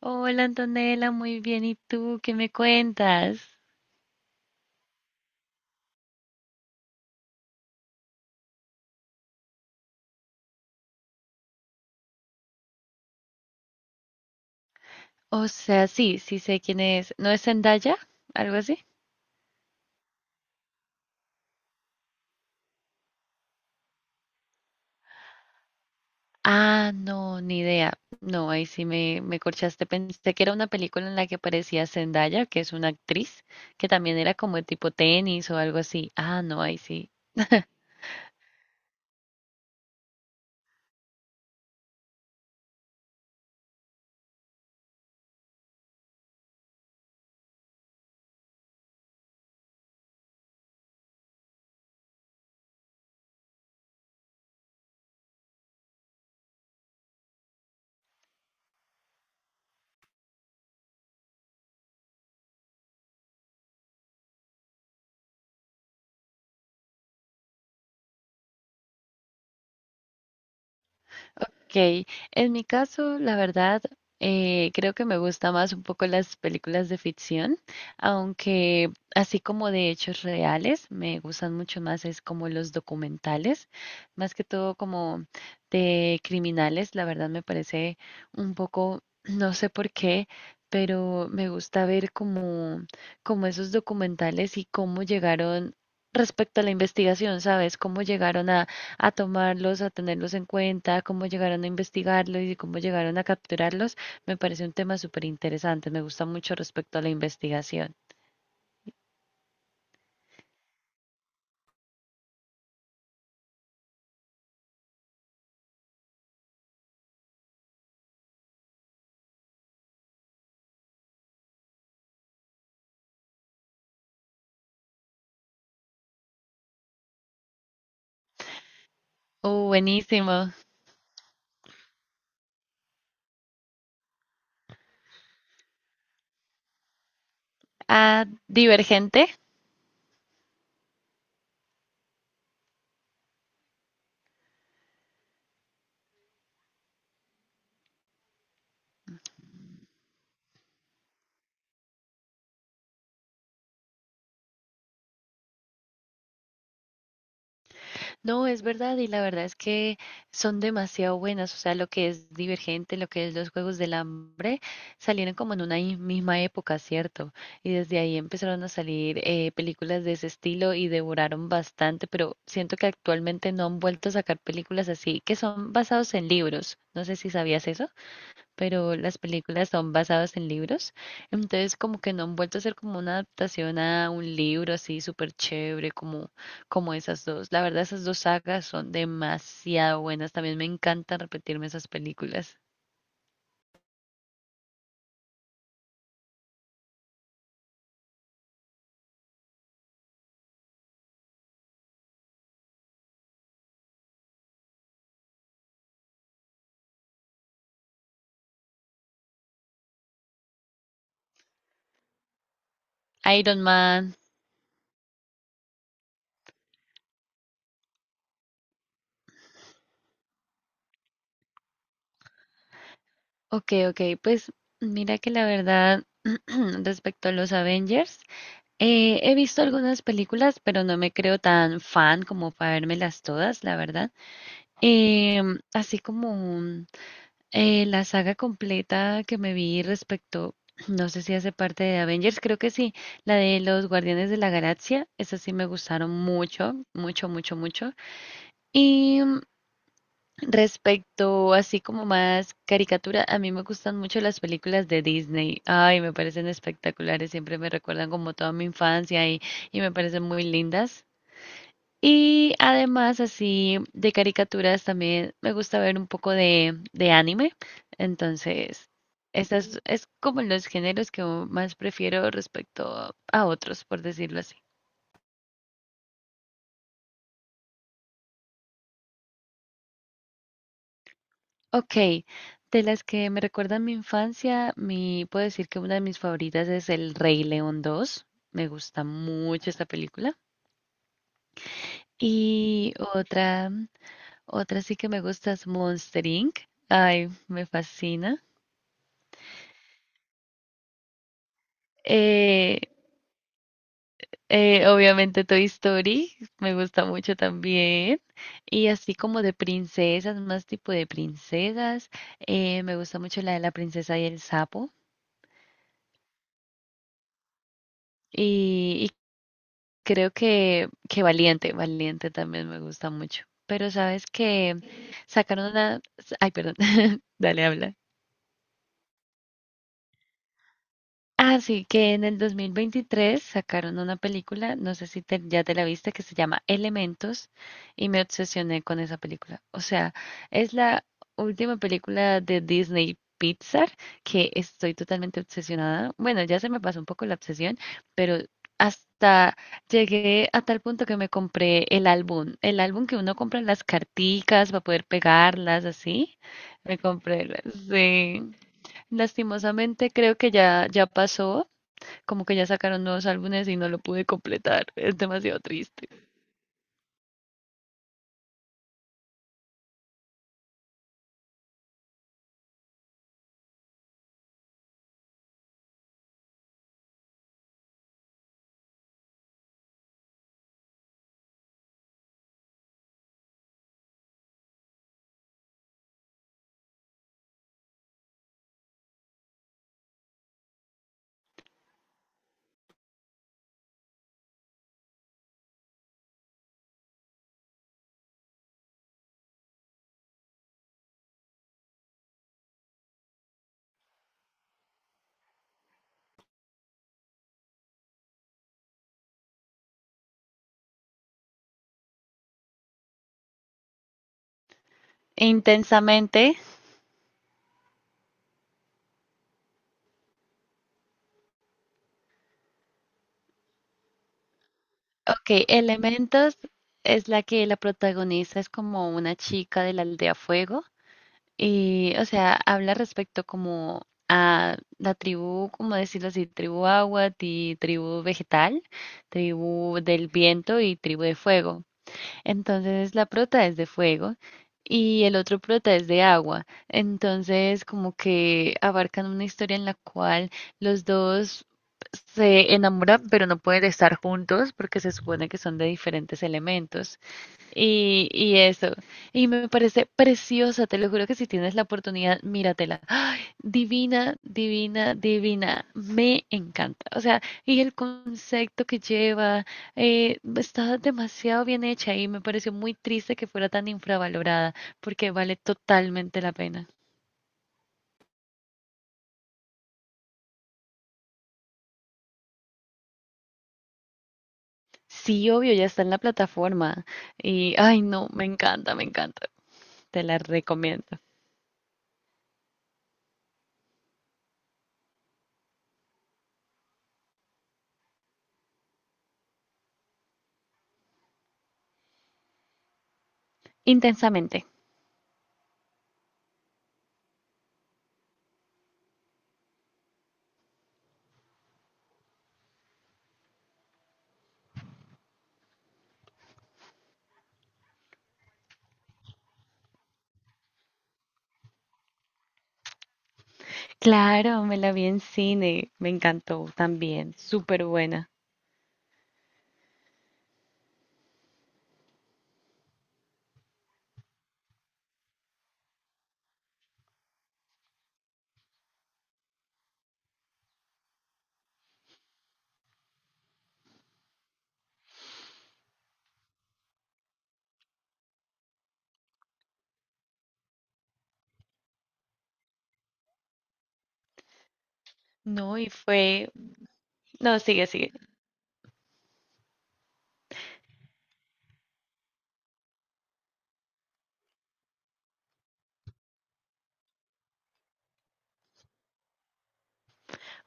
Hola, Antonella, muy bien. ¿Y tú qué me cuentas? O sea, sí, sí sé quién es. ¿No es Zendaya? ¿Algo así? Ah, no, ni idea. No, ahí sí me corchaste. Pensé que era una película en la que aparecía Zendaya, que es una actriz, que también era como de tipo tenis o algo así. Ah, no, ahí sí. Ok, en mi caso, la verdad, creo que me gusta más un poco las películas de ficción, aunque así como de hechos reales, me gustan mucho más es como los documentales, más que todo como de criminales, la verdad me parece un poco, no sé por qué, pero me gusta ver como esos documentales y cómo llegaron respecto a la investigación, ¿sabes? Cómo llegaron a tomarlos, a tenerlos en cuenta, cómo llegaron a investigarlos y cómo llegaron a capturarlos, me parece un tema súper interesante. Me gusta mucho respecto a la investigación. Oh, buenísimo. Ah, Divergente. No, es verdad, y la verdad es que son demasiado buenas, o sea, lo que es Divergente, lo que es los Juegos del Hambre, salieron como en una misma época, ¿cierto? Y desde ahí empezaron a salir películas de ese estilo y devoraron bastante, pero siento que actualmente no han vuelto a sacar películas así, que son basados en libros. No sé si sabías eso, pero las películas son basadas en libros, entonces como que no han vuelto a hacer como una adaptación a un libro así súper chévere como, esas dos. La verdad, esas dos sagas son demasiado buenas, también me encanta repetirme esas películas. Iron Man. Ok, ok, pues mira que la verdad. Respecto a los Avengers, he visto algunas películas, pero no me creo tan fan como para vérmelas todas, la verdad. Así como. La saga completa que me vi respecto, no sé si hace parte de Avengers, creo que sí, la de los Guardianes de la Galaxia, esas sí me gustaron mucho, mucho, mucho, mucho. Y respecto así como más caricatura, a mí me gustan mucho las películas de Disney. Ay, me parecen espectaculares, siempre me recuerdan como toda mi infancia y me parecen muy lindas. Y además así de caricaturas también me gusta ver un poco de anime. Entonces, esas es como los géneros que más prefiero respecto a otros, por decirlo así. Ok, de las que me recuerdan mi infancia, puedo decir que una de mis favoritas es El Rey León 2. Me gusta mucho esta película. Y otra sí que me gusta es Monster Inc. Ay, me fascina. Eh, obviamente Toy Story, me gusta mucho también. Y así como de princesas, más tipo de princesas. Me gusta mucho la de la princesa y el sapo. Y creo que Valiente, Valiente también me gusta mucho. Pero sabes que sacaron una. Ay, perdón, dale, habla. Ah, sí, que en el 2023 sacaron una película, no sé si ya te la viste, que se llama Elementos y me obsesioné con esa película. O sea, es la última película de Disney Pixar que estoy totalmente obsesionada. Bueno, ya se me pasó un poco la obsesión, pero hasta llegué a tal punto que me compré el álbum que uno compra en las carticas para poder pegarlas así. Me compré, sí. Lastimosamente creo que ya, ya pasó, como que ya sacaron nuevos álbumes y no lo pude completar, es demasiado triste. Intensamente. Ok, Elementos es la que la protagonista es como una chica de la aldea Fuego y, o sea, habla respecto como a la tribu, como decirlo así, tribu agua y tribu vegetal, tribu del viento y tribu de fuego. Entonces la prota es de fuego y el otro prota es de agua. Entonces como que abarcan una historia en la cual los dos se enamoran pero no pueden estar juntos porque se supone que son de diferentes elementos. Y eso. Y me parece preciosa, te lo juro que si tienes la oportunidad, míratela. ¡Ay, divina, divina, divina! Me encanta. O sea, y el concepto que lleva, está demasiado bien hecha y me pareció muy triste que fuera tan infravalorada porque vale totalmente la pena. Sí, obvio, ya está en la plataforma. Y, ay, no, me encanta, me encanta. Te la recomiendo. Intensamente. Claro, me la vi en cine, me encantó también, súper buena. No, y fue. No, sigue, sigue.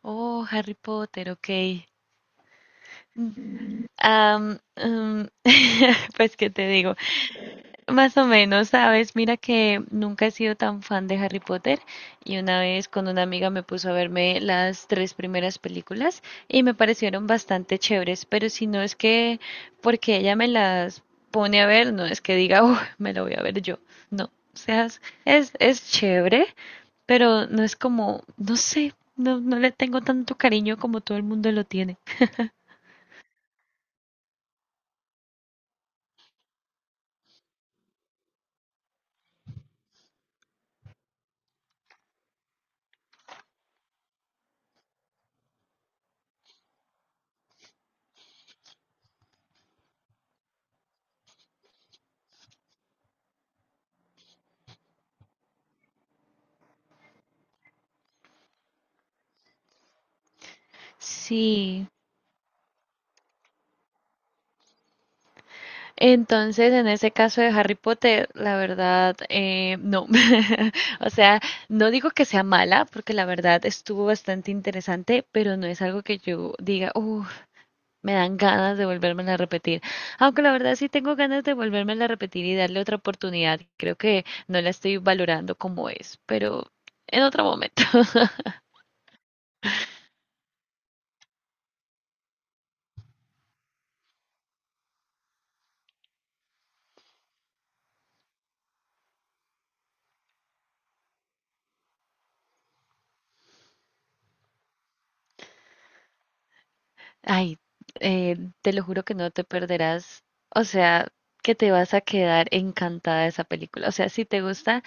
Oh, Harry Potter, ok. Mm, am, mm, pues, ¿qué te digo? Más o menos, ¿sabes? Mira que nunca he sido tan fan de Harry Potter y una vez con una amiga me puso a verme las tres primeras películas y me parecieron bastante chéveres, pero si no es que porque ella me las pone a ver, no es que diga, me lo voy a ver yo". No, o sea, es chévere, pero no es como, no sé, no, no le tengo tanto cariño como todo el mundo lo tiene. Sí. Entonces, en ese caso de Harry Potter, la verdad, no. O sea, no digo que sea mala, porque la verdad estuvo bastante interesante, pero no es algo que yo diga, uff, me dan ganas de volvérmela a repetir. Aunque la verdad sí tengo ganas de volvérmela a repetir y darle otra oportunidad. Creo que no la estoy valorando como es, pero en otro momento. Ay, eh, te lo juro que no te perderás, o sea, que te vas a quedar encantada de esa película. O sea, si te gusta,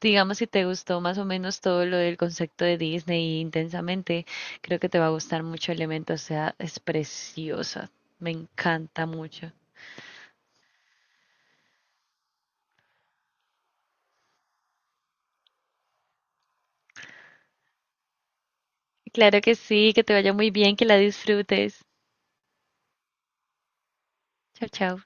digamos, si te gustó más o menos todo lo del concepto de Disney intensamente, creo que te va a gustar mucho Elemento, o sea, es preciosa, me encanta mucho. Claro que sí, que te vaya muy bien, que la disfrutes. Chao, chao.